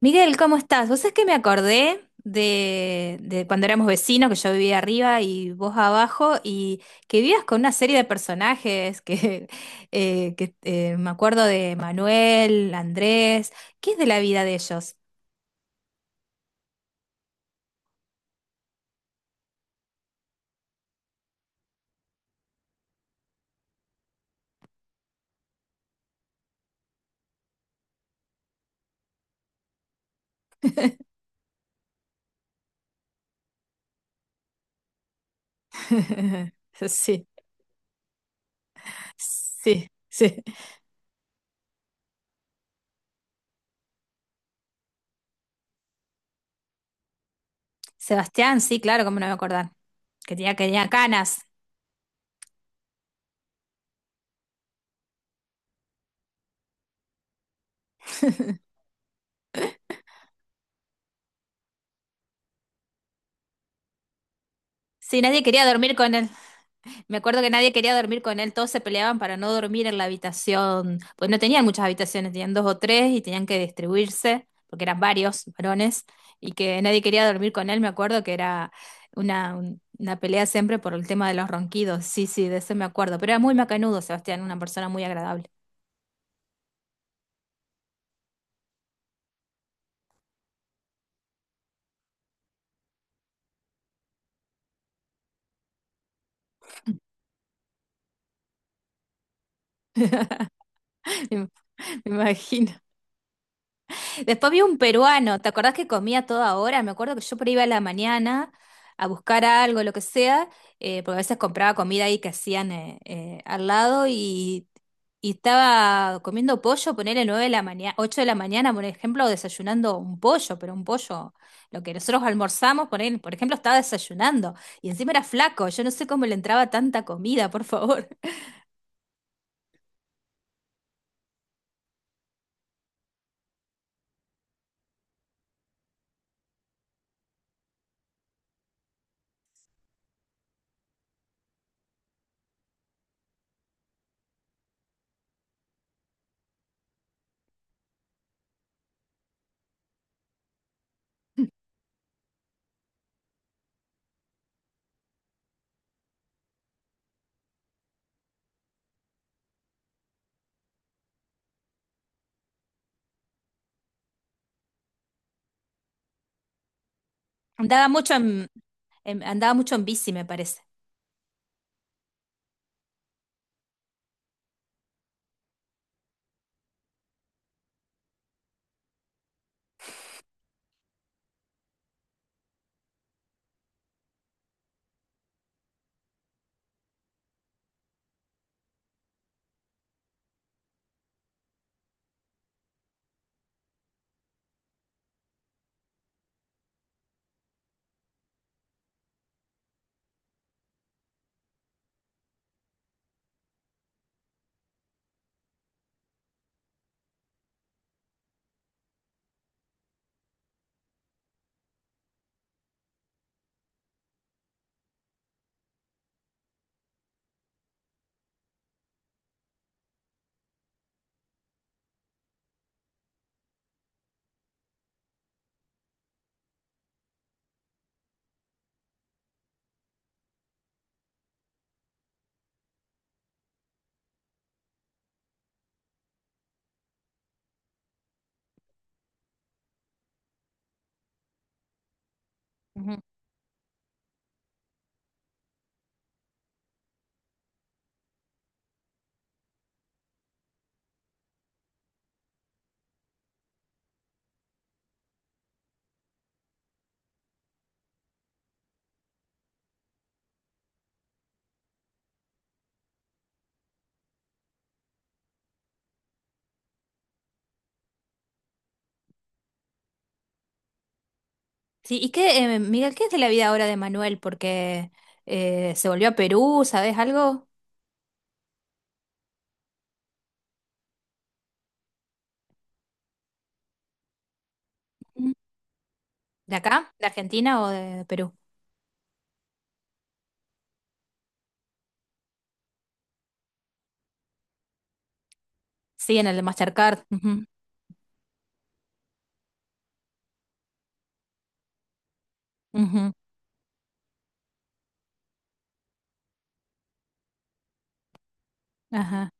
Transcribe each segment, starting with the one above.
Miguel, ¿cómo estás? Vos sabés que me acordé de cuando éramos vecinos, que yo vivía arriba y vos abajo, y que vivías con una serie de personajes, que, me acuerdo de Manuel, Andrés, ¿qué es de la vida de ellos? Sí, sí, sí. Sebastián, sí, claro, cómo no me acordar, que tenía canas. Sí, nadie quería dormir con él. Me acuerdo que nadie quería dormir con él, todos se peleaban para no dormir en la habitación, pues no tenían muchas habitaciones, tenían dos o tres y tenían que distribuirse, porque eran varios varones, y que nadie quería dormir con él, me acuerdo que era una pelea siempre por el tema de los ronquidos, sí, sí, de eso me acuerdo, pero era muy macanudo, Sebastián, una persona muy agradable. me, me imagino. Después vi un peruano, ¿te acordás que comía a toda hora? Me acuerdo que yo por ahí iba a la mañana a buscar algo, lo que sea, porque a veces compraba comida ahí que hacían al lado y estaba comiendo pollo, ponerle 9 de la mañana, 8 de la mañana, por ejemplo, desayunando un pollo, pero un pollo, lo que nosotros almorzamos, poner, por ejemplo, estaba desayunando y encima era flaco, yo no sé cómo le entraba tanta comida, por favor. Andaba mucho en, andaba mucho en bici, me parece. Sí, ¿y qué, Miguel, qué es de la vida ahora de Manuel? Porque se volvió a Perú, ¿sabes algo? Mm. ¿De acá? ¿De Argentina o de Perú? Sí, en el de Mastercard. Ujú, ujú, ajá.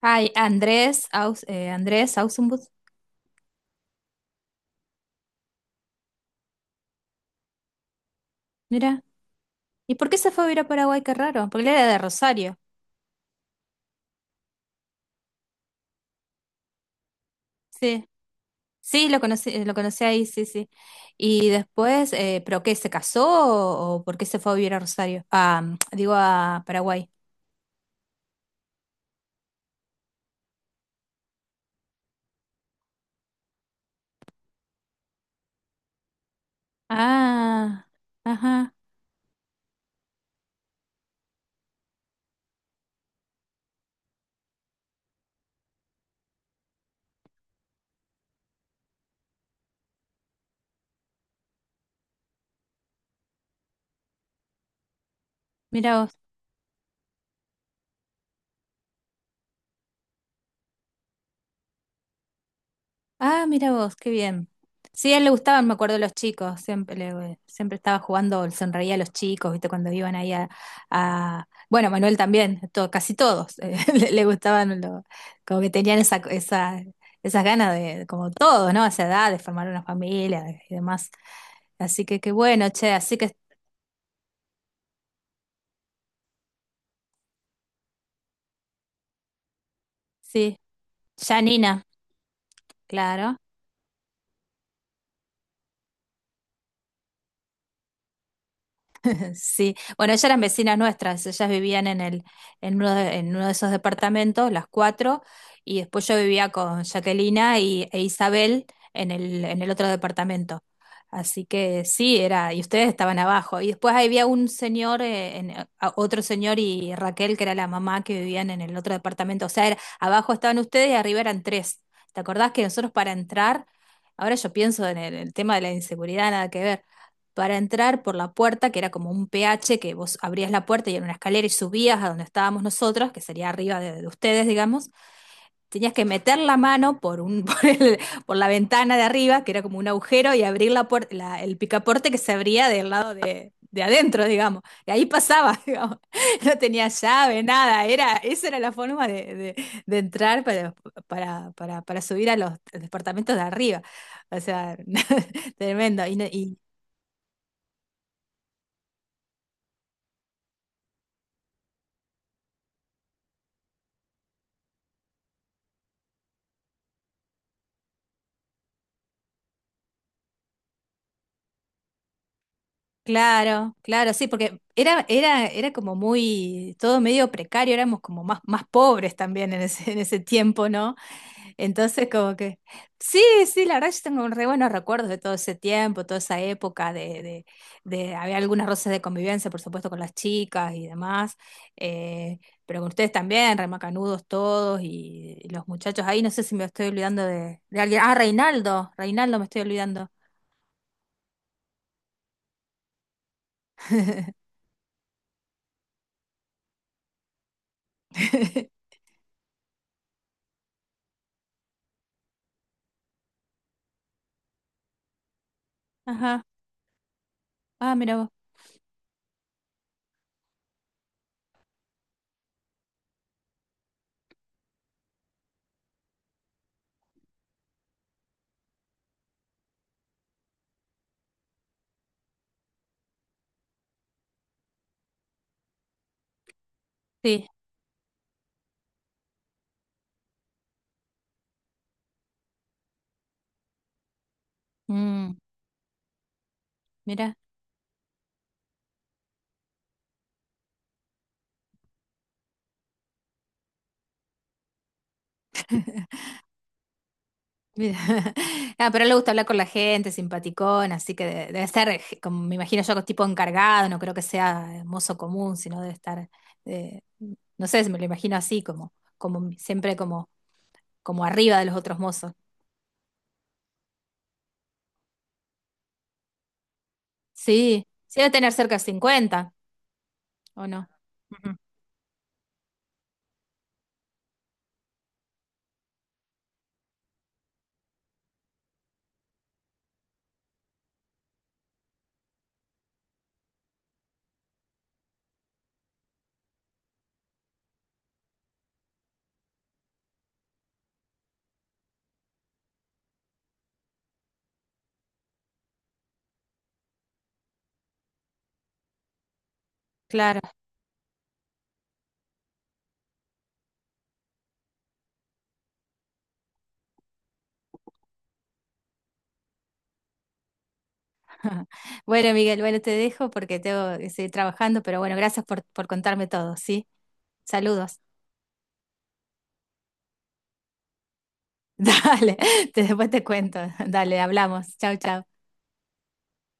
Ay, Andrés Ausenbus, mira. ¿Y por qué se fue a vivir a Paraguay? Qué raro, porque él era de Rosario. Sí, sí, lo conocí ahí, sí, sí. Y después, ¿pero qué? ¿Se casó o por qué se fue a vivir a Rosario? Ah, digo, a Paraguay. Ah, ajá, mira vos. Ah, mira vos, qué bien. Sí, a él le gustaban, me acuerdo, los chicos. Siempre estaba jugando, le sonreía a los chicos, ¿viste? Cuando iban ahí. Bueno, Manuel también, casi todos. Le gustaban, como que tenían esas ganas de, como todos, ¿no? A esa edad, de formar una familia y demás. Así que qué bueno, che, así que sí, ya Nina, claro. Sí, bueno, ellas eran vecinas nuestras, ellas vivían en uno de esos departamentos, las cuatro, y después yo vivía con Jaquelina e Isabel en el otro departamento. Así que sí, era, y ustedes estaban abajo. Y después había un señor, otro señor y Raquel, que era la mamá que vivían en el otro departamento. O sea, abajo estaban ustedes y arriba eran tres. ¿Te acordás que nosotros para entrar, ahora yo pienso en el tema de la inseguridad, nada que ver, para entrar por la puerta, que era como un PH, que vos abrías la puerta y era una escalera y subías a donde estábamos nosotros, que sería arriba de ustedes, digamos, tenías que meter la mano por la ventana de arriba, que era como un agujero, y abrir la puerta, el picaporte que se abría del lado de adentro, digamos. Y ahí pasaba, digamos. No tenía llave, nada. Esa era la forma de entrar para, para subir a los departamentos de arriba. O sea, tremendo. Claro, claro, sí, porque era como muy, todo medio precario, éramos como más, pobres también en ese tiempo, ¿no? Entonces, como que, sí, sí, la verdad yo tengo re buenos recuerdos de todo ese tiempo, toda esa época. Había algunas roces de convivencia, por supuesto, con las chicas y demás, eh, pero con ustedes también, remacanudos todos y los muchachos ahí, no sé si me estoy olvidando de alguien, ah, Reinaldo me estoy olvidando. Ajá, ah, mira vos. Sí. Mm, mira, mira. Ah, pero a él le gusta hablar con la gente, simpaticón, así que debe ser, como me imagino yo, tipo encargado, no creo que sea mozo común, sino debe estar, eh, no sé, me lo imagino así, como siempre como arriba de los otros mozos. Sí, sí debe tener cerca de 50, ¿o no? Ujú. Claro. Bueno, Miguel, bueno, te dejo porque tengo que seguir trabajando, pero bueno, gracias por contarme todo, ¿sí? Saludos. Dale, después te cuento. Dale, hablamos. Chau, chau.